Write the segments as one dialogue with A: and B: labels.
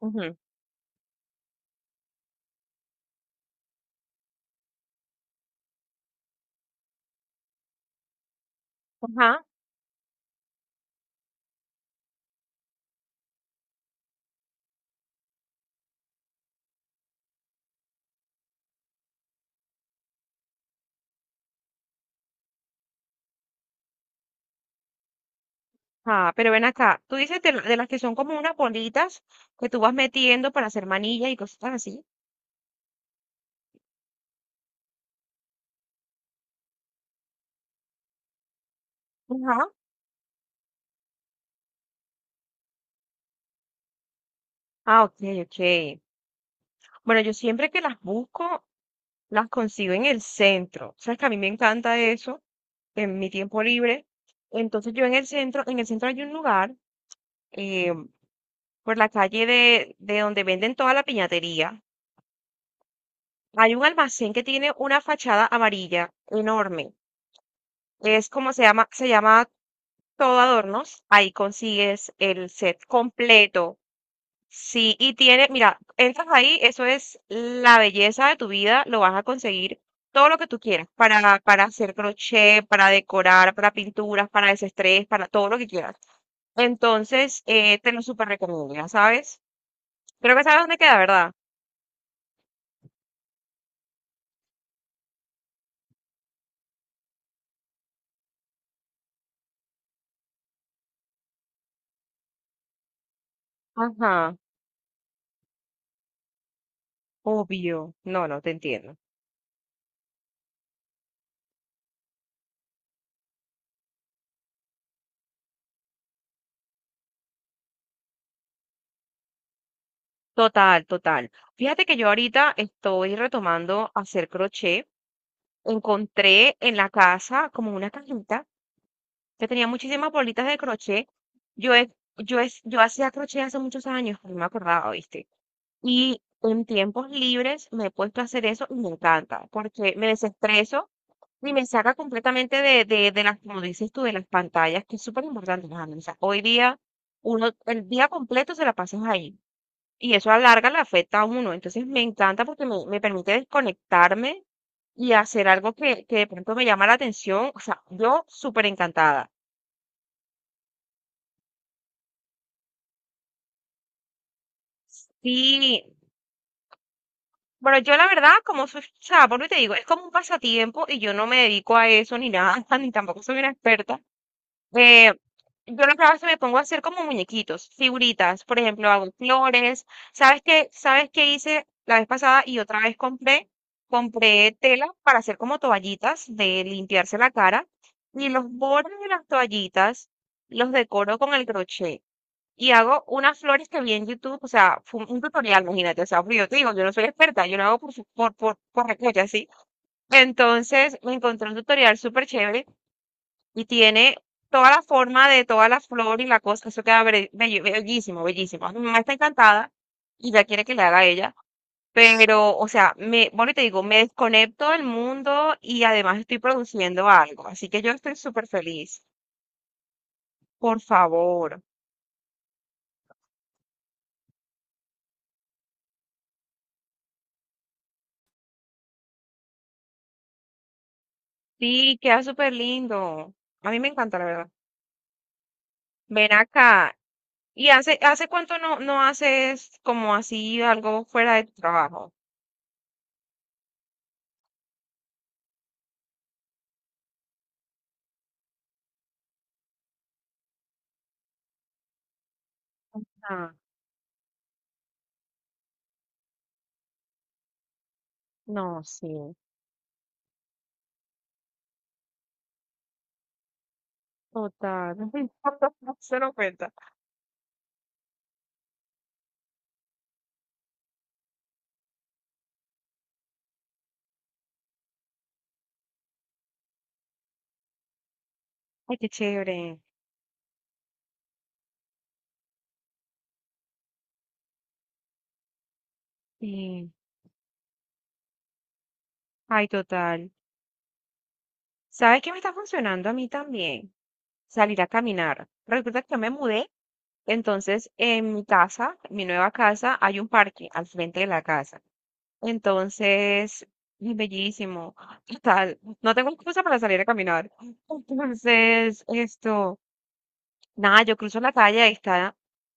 A: Ujú. Ajá, ajá, pero ven acá, tú dices de de las que son como unas bolitas que tú vas metiendo para hacer manillas y cosas así. Ajá. Ah, ok, ok. Bueno, yo siempre que las busco, las consigo en el centro. Sabes que a mí me encanta eso, en mi tiempo libre. Entonces yo en el centro hay un lugar, eh, por la calle de donde venden toda la piñatería. Hay un almacén que tiene una fachada amarilla enorme. Es como se llama Todo Adornos. Ahí consigues el set completo. Sí, y tiene, mira, entras ahí, eso es la belleza de tu vida, lo vas a conseguir todo lo que tú quieras, para hacer crochet, para decorar, para pinturas, para desestrés, para todo lo que quieras. Entonces, te lo súper recomiendo, ya sabes. Creo que sabes dónde queda, ¿verdad? Ajá, obvio. No, no, te entiendo. Total, total. Fíjate que yo ahorita estoy retomando hacer crochet. Encontré en la casa como una cajita que tenía muchísimas bolitas de crochet. Yo, he- yo hacía crochet hace muchos años, no me acordaba, ¿viste? Y en tiempos libres me he puesto a hacer eso y me encanta, porque me desestreso y me saca completamente de las, como dices tú, de las pantallas, que es súper importante, Alejandro. O sea, hoy día, uno, el día completo se la pasas ahí. Y eso a la larga le afecta a uno. Entonces me encanta porque me permite desconectarme y hacer algo que de pronto me llama la atención. O sea, yo súper encantada. Sí. Bueno, yo la verdad, como soy, o sea, por lo que te digo, es como un pasatiempo y yo no me dedico a eso ni nada, ni tampoco soy una experta. Eh, yo lo que hago es que me pongo a hacer como muñequitos, figuritas, por ejemplo, hago flores. ¿Sabes qué? ¿Sabes qué hice la vez pasada y otra vez compré? Compré tela para hacer como toallitas de limpiarse la cara, y los bordes de las toallitas los decoro con el crochet, y hago unas flores que vi en YouTube. O sea, fue un tutorial, imagínate. O sea, porque yo te digo, yo no soy experta, yo lo hago por, su- por recocha, ¿sí? Entonces me encontré un tutorial súper chévere y tiene toda la forma de toda la flor y la cosa. Eso queda bellísimo, bellísimo. Mi mamá está encantada y ya quiere que le haga a ella, pero, o sea, bueno, y te digo, me desconecto del mundo y además estoy produciendo algo, así que yo estoy súper feliz. Por favor. Sí, queda súper lindo. A mí me encanta, la verdad. Ven acá. ¿Y hace, hace cuánto no, no haces como así algo fuera de tu trabajo? Ah, no, sí, total. Se lo cuenta. Ay, qué chévere. Sí. Ay, total. ¿Sabes qué me está funcionando a mí también? Salir a caminar. Resulta que yo me mudé, entonces en mi casa, mi nueva casa, hay un parque al frente de la casa. Entonces, es bellísimo. Total, no tengo excusa para salir a caminar. Entonces, esto, nada, yo cruzo la calle, ahí está,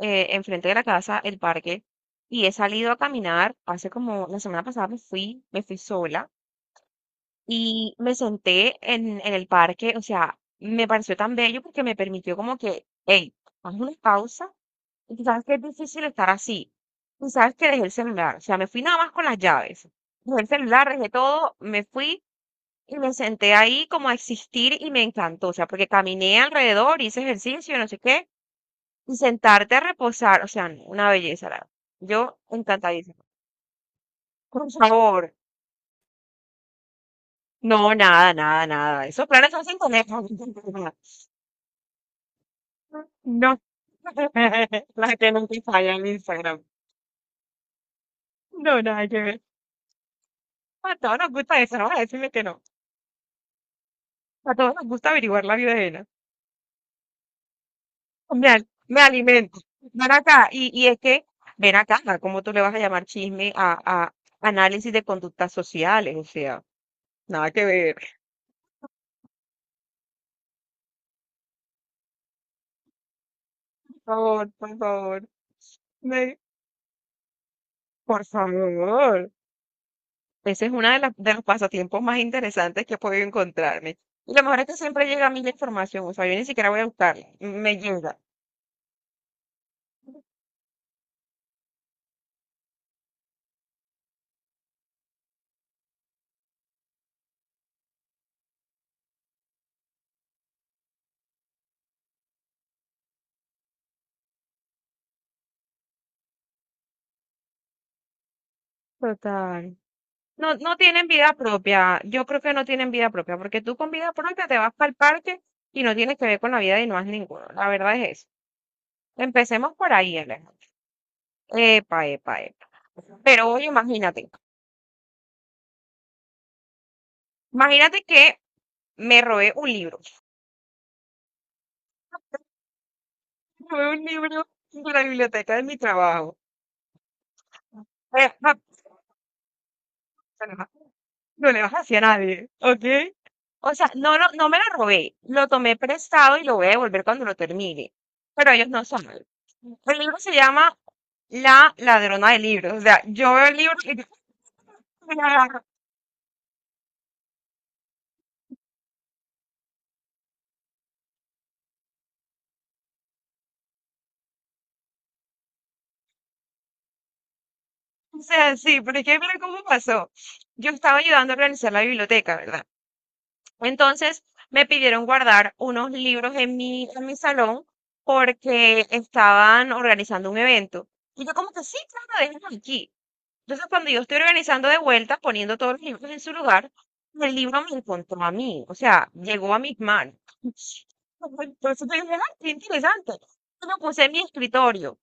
A: enfrente de la casa, el parque, y he salido a caminar. Hace como la semana pasada me fui sola y me senté en el parque. O sea, me pareció tan bello porque me permitió como que, hey, haz una pausa, y tú sabes que es difícil estar así. Tú sabes que dejé el celular. O sea, me fui nada más con las llaves. Dejé el celular, dejé todo, me fui y me senté ahí como a existir, y me encantó. O sea, porque caminé alrededor, hice ejercicio, no sé qué. Y sentarte a reposar, o sea, no, una belleza. Verdad. Yo encantadísima. Por favor. No, nada, nada, nada. Esos planes se hacen con eso. No. La gente nunca falla en Instagram. No, nada que ver. A todos nos gusta eso, no voy a decirle que no. A todos nos gusta averiguar la vida ajena. Me alimento. Ven acá. Ven acá, ¿no? ¿Cómo tú le vas a llamar chisme a análisis de conductas sociales? O sea, nada que ver. Por favor, por favor. Me- por favor. Ese es uno de de los pasatiempos más interesantes que he podido encontrarme. Y lo mejor es que siempre llega a mí la información. O sea, yo ni siquiera voy a buscarla. Me llega. Total. No, no tienen vida propia. Yo creo que no tienen vida propia, porque tú con vida propia te vas para el parque y no tienes que ver con la vida de no has ninguno. La verdad es eso. Empecemos por ahí, Alejandro. Epa, epa, epa. Pero oye, imagínate, imagínate que me robé un libro. Me robé un libro de la biblioteca de mi trabajo. Eh, ja, No le bajaste a nadie, ¿ok? O sea, no, no, no me lo robé, lo tomé prestado y lo voy a devolver cuando lo termine. Pero ellos no saben. El libro se llama La Ladrona de Libros. O sea, yo veo el libro y me lo agarro. O sea, sí, pero es que mira cómo pasó. Yo estaba ayudando a organizar la biblioteca, ¿verdad? Entonces me pidieron guardar unos libros en mi salón porque estaban organizando un evento. Y yo como que sí, claro, déjenlos aquí. Entonces cuando yo estoy organizando de vuelta, poniendo todos los libros en su lugar, el libro me encontró a mí, o sea, llegó a mis manos. Por eso te dije, "Ah, qué interesante". Yo lo puse en mi escritorio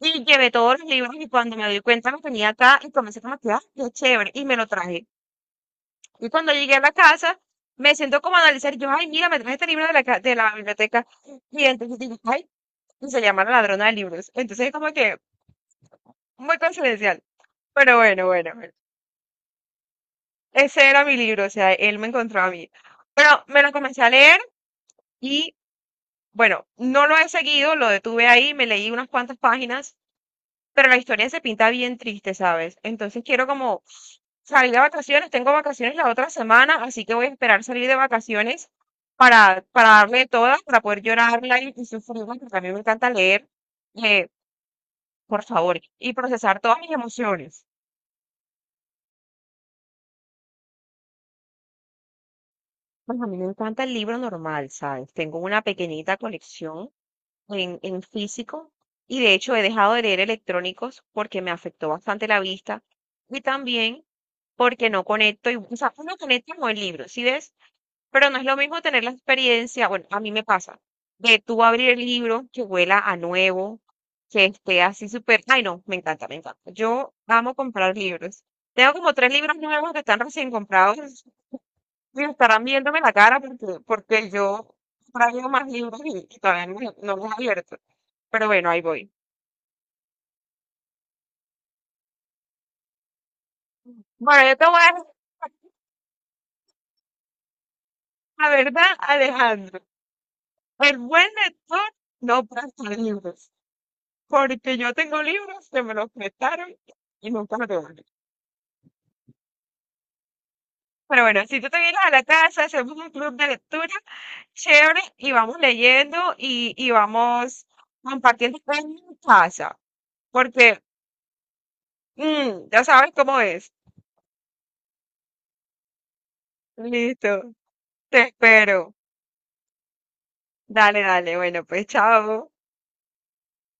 A: y llevé todos los libros, y cuando me doy cuenta los tenía acá y comencé como que, ah, qué chévere, y me lo traje. Y cuando llegué a la casa, me siento como a analizar. Yo, ay, mira, me traje este libro de la biblioteca. Y entonces digo, ay, y se llama La Ladrona de Libros. Entonces es como que muy coincidencial. Pero bueno, bueno, bueno. Ese era mi libro, o sea, él me encontró a mí. Pero me lo comencé a leer y, bueno, no lo he seguido, lo detuve ahí, me leí unas cuantas páginas. Pero la historia se pinta bien triste, ¿sabes? Entonces quiero como salir de vacaciones, tengo vacaciones la otra semana, así que voy a esperar salir de vacaciones para darle todas, para poder llorarla y sufrirla, porque a mí me encanta leer. eh, por favor, y procesar todas mis emociones. Pues a mí me encanta el libro normal, ¿sabes? Tengo una pequeñita colección en físico, y de hecho he dejado de leer electrónicos porque me afectó bastante la vista, y también porque no conecto. Y, o sea, uno conecta con el libro, ¿sí ves? Pero no es lo mismo tener la experiencia, bueno, a mí me pasa, de tú abrir el libro que huela a nuevo, que esté así súper, ay no, me encanta, me encanta. Yo amo comprar libros. Tengo como tres libros nuevos que están recién comprados, y estarán viéndome la cara porque, porque yo traigo más libros y todavía no, no los he abierto. Pero bueno, ahí voy. Bueno, yo te voy a decir la verdad, Alejandro. El buen lector no presta libros. Porque yo tengo libros que me los prestaron y nunca me devuelven. Pero bueno, si tú te vienes a la casa, hacemos un club de lectura chévere y vamos leyendo y vamos compartiendo en mi casa. Porque ya sabes cómo es. Listo, te espero. Dale, dale. Bueno, pues chao.